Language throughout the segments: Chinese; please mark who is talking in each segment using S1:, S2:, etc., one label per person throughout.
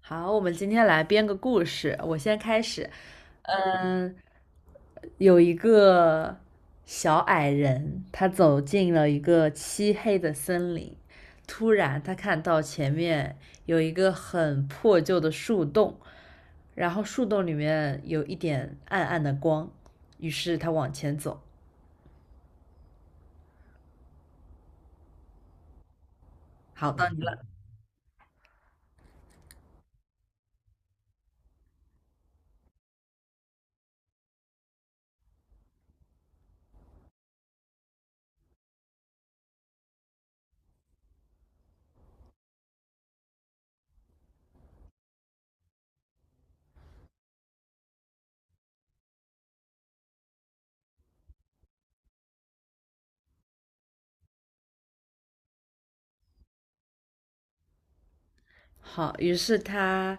S1: 好，我们今天来编个故事，我先开始。嗯，有一个小矮人，他走进了一个漆黑的森林，突然他看到前面有一个很破旧的树洞，然后树洞里面有一点暗暗的光，于是他往前走。好，到你了。好，于是他，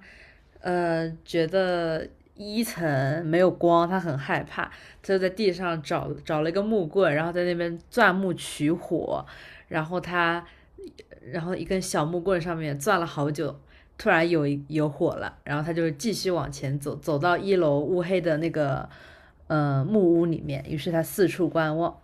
S1: 觉得一层没有光，他很害怕，他就在地上找了一个木棍，然后在那边钻木取火，然后他，然后一根小木棍上面钻了好久，突然有火了，然后他就继续往前走，走到一楼乌黑的那个，木屋里面，于是他四处观望，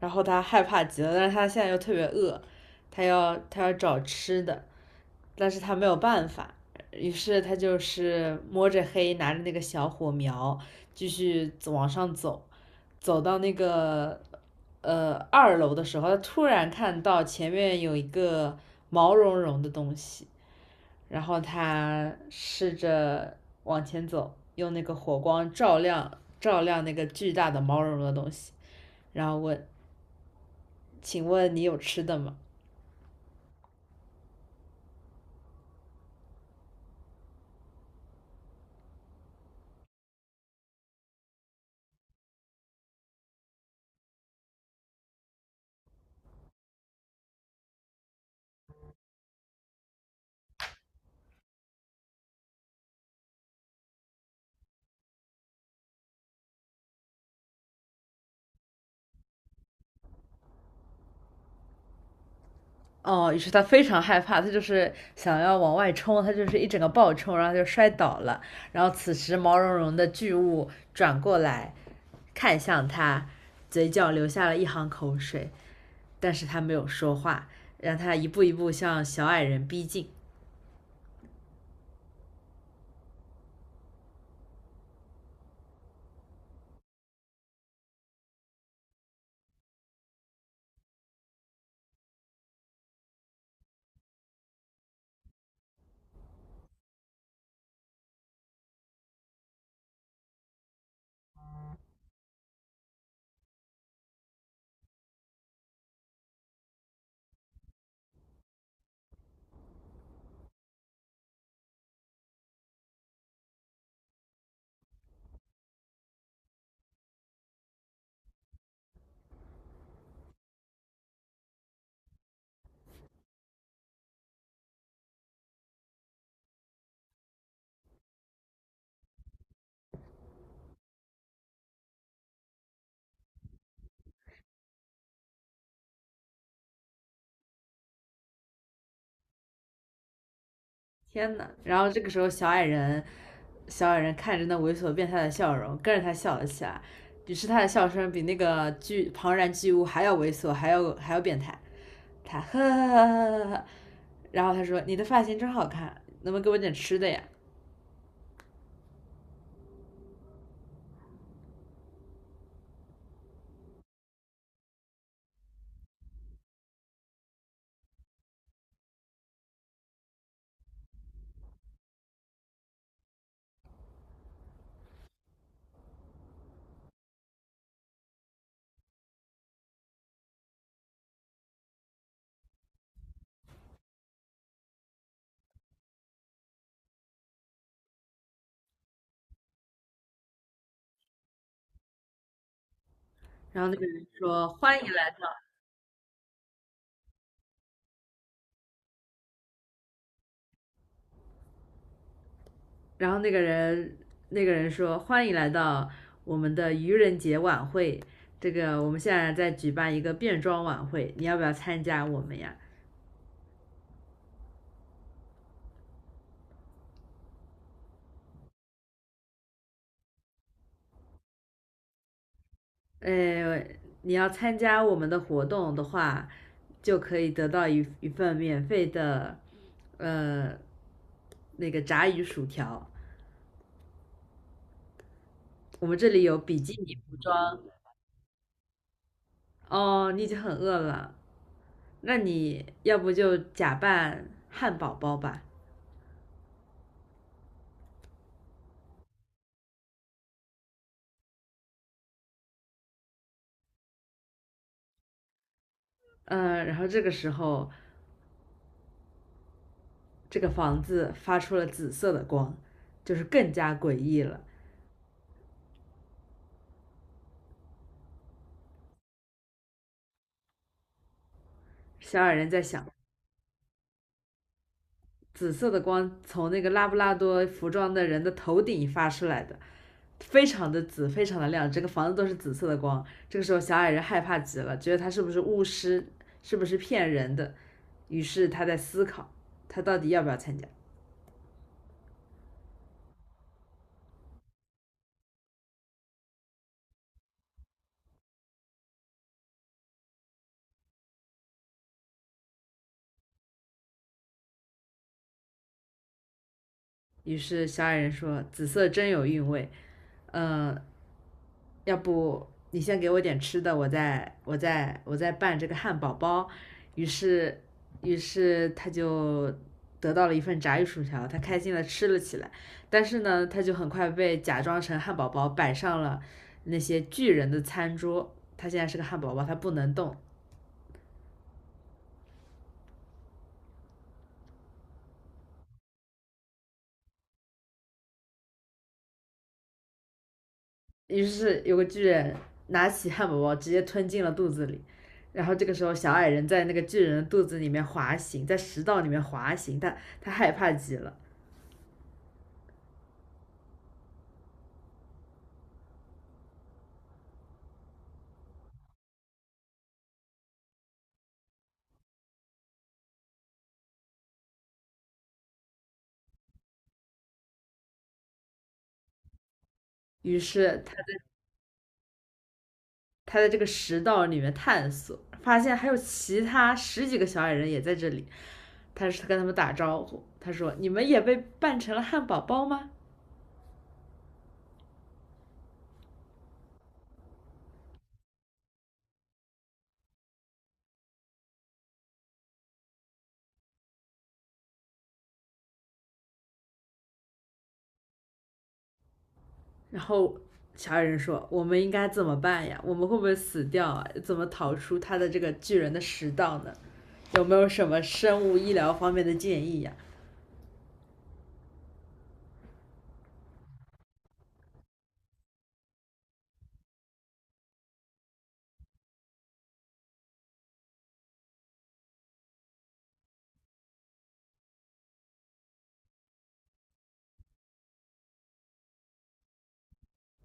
S1: 然后他害怕极了，但是他现在又特别饿，他要找吃的，但是他没有办法，于是他就是摸着黑拿着那个小火苗继续往上走，走到那个二楼的时候，他突然看到前面有一个毛茸茸的东西，然后他试着往前走，用那个火光照亮照亮那个巨大的毛茸茸的东西，然后问："请问你有吃的吗？"哦，于是他非常害怕，他就是想要往外冲，他就是一整个暴冲，然后就摔倒了。然后此时毛茸茸的巨物转过来看向他，嘴角流下了一行口水，但是他没有说话，让他一步一步向小矮人逼近。天呐，然后这个时候，小矮人看着那猥琐变态的笑容，跟着他笑了起来。于是他的笑声比那个庞然巨物还要猥琐，还要变态。他呵呵呵呵呵，然后他说你的发型真好看，能不能给我点吃的呀？然后那个人说欢迎来到，然后那个人说欢迎来到我们的愚人节晚会，这个我们现在在举办一个变装晚会，你要不要参加我们呀？呃，你要参加我们的活动的话，就可以得到一份免费的呃那个炸鱼薯条。我们这里有比基尼服装，哦，你已经很饿了，那你要不就假扮汉堡包吧？嗯，然后这个时候，这个房子发出了紫色的光，就是更加诡异了。小矮人在想，紫色的光从那个拉布拉多服装的人的头顶发出来的，非常的紫，非常的亮，整个房子都是紫色的光。这个时候，小矮人害怕极了，觉得他是不是巫师，是不是骗人的，于是他在思考，他到底要不要参加。于是小矮人说："紫色真有韵味，呃，要不你先给我点吃的，我再拌这个汉堡包。"于是，于是他就得到了一份炸鱼薯条，他开心的吃了起来。但是呢，他就很快被假装成汉堡包摆上了那些巨人的餐桌。他现在是个汉堡包，他不能动，于是有个巨人拿起汉堡包直接吞进了肚子里，然后这个时候小矮人在那个巨人的肚子里面滑行，在食道里面滑行，他害怕极了，于是他在这个食道里面探索，发现还有其他十几个小矮人也在这里，他是跟他们打招呼，他说："你们也被扮成了汉堡包吗？"然后小矮人说："我们应该怎么办呀？我们会不会死掉啊？怎么逃出他的这个巨人的食道呢？有没有什么生物医疗方面的建议呀？"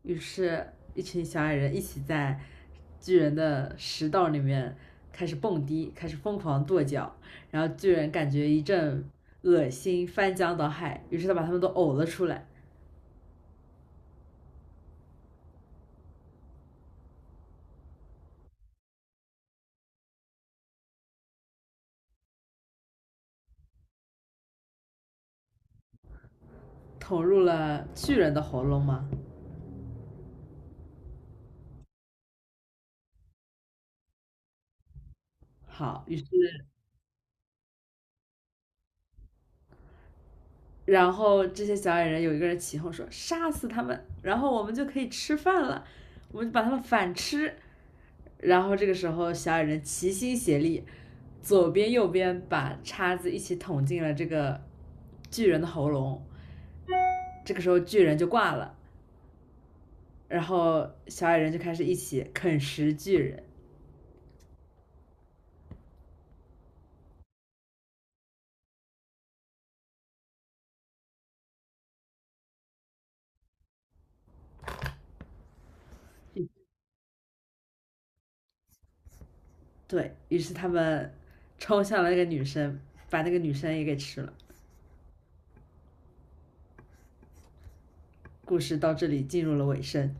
S1: 于是，一群小矮人一起在巨人的食道里面开始蹦迪，开始疯狂跺脚，然后巨人感觉一阵恶心，翻江倒海，于是他把他们都呕了出来，捅入了巨人的喉咙吗？好，然后这些小矮人有一个人起哄说："杀死他们，然后我们就可以吃饭了，我们就把他们反吃。"然后这个时候，小矮人齐心协力，左边右边把叉子一起捅进了这个巨人的喉咙。这个时候，巨人就挂了，然后小矮人就开始一起啃食巨人。对，于是他们冲向了那个女生，把那个女生也给吃了。故事到这里进入了尾声。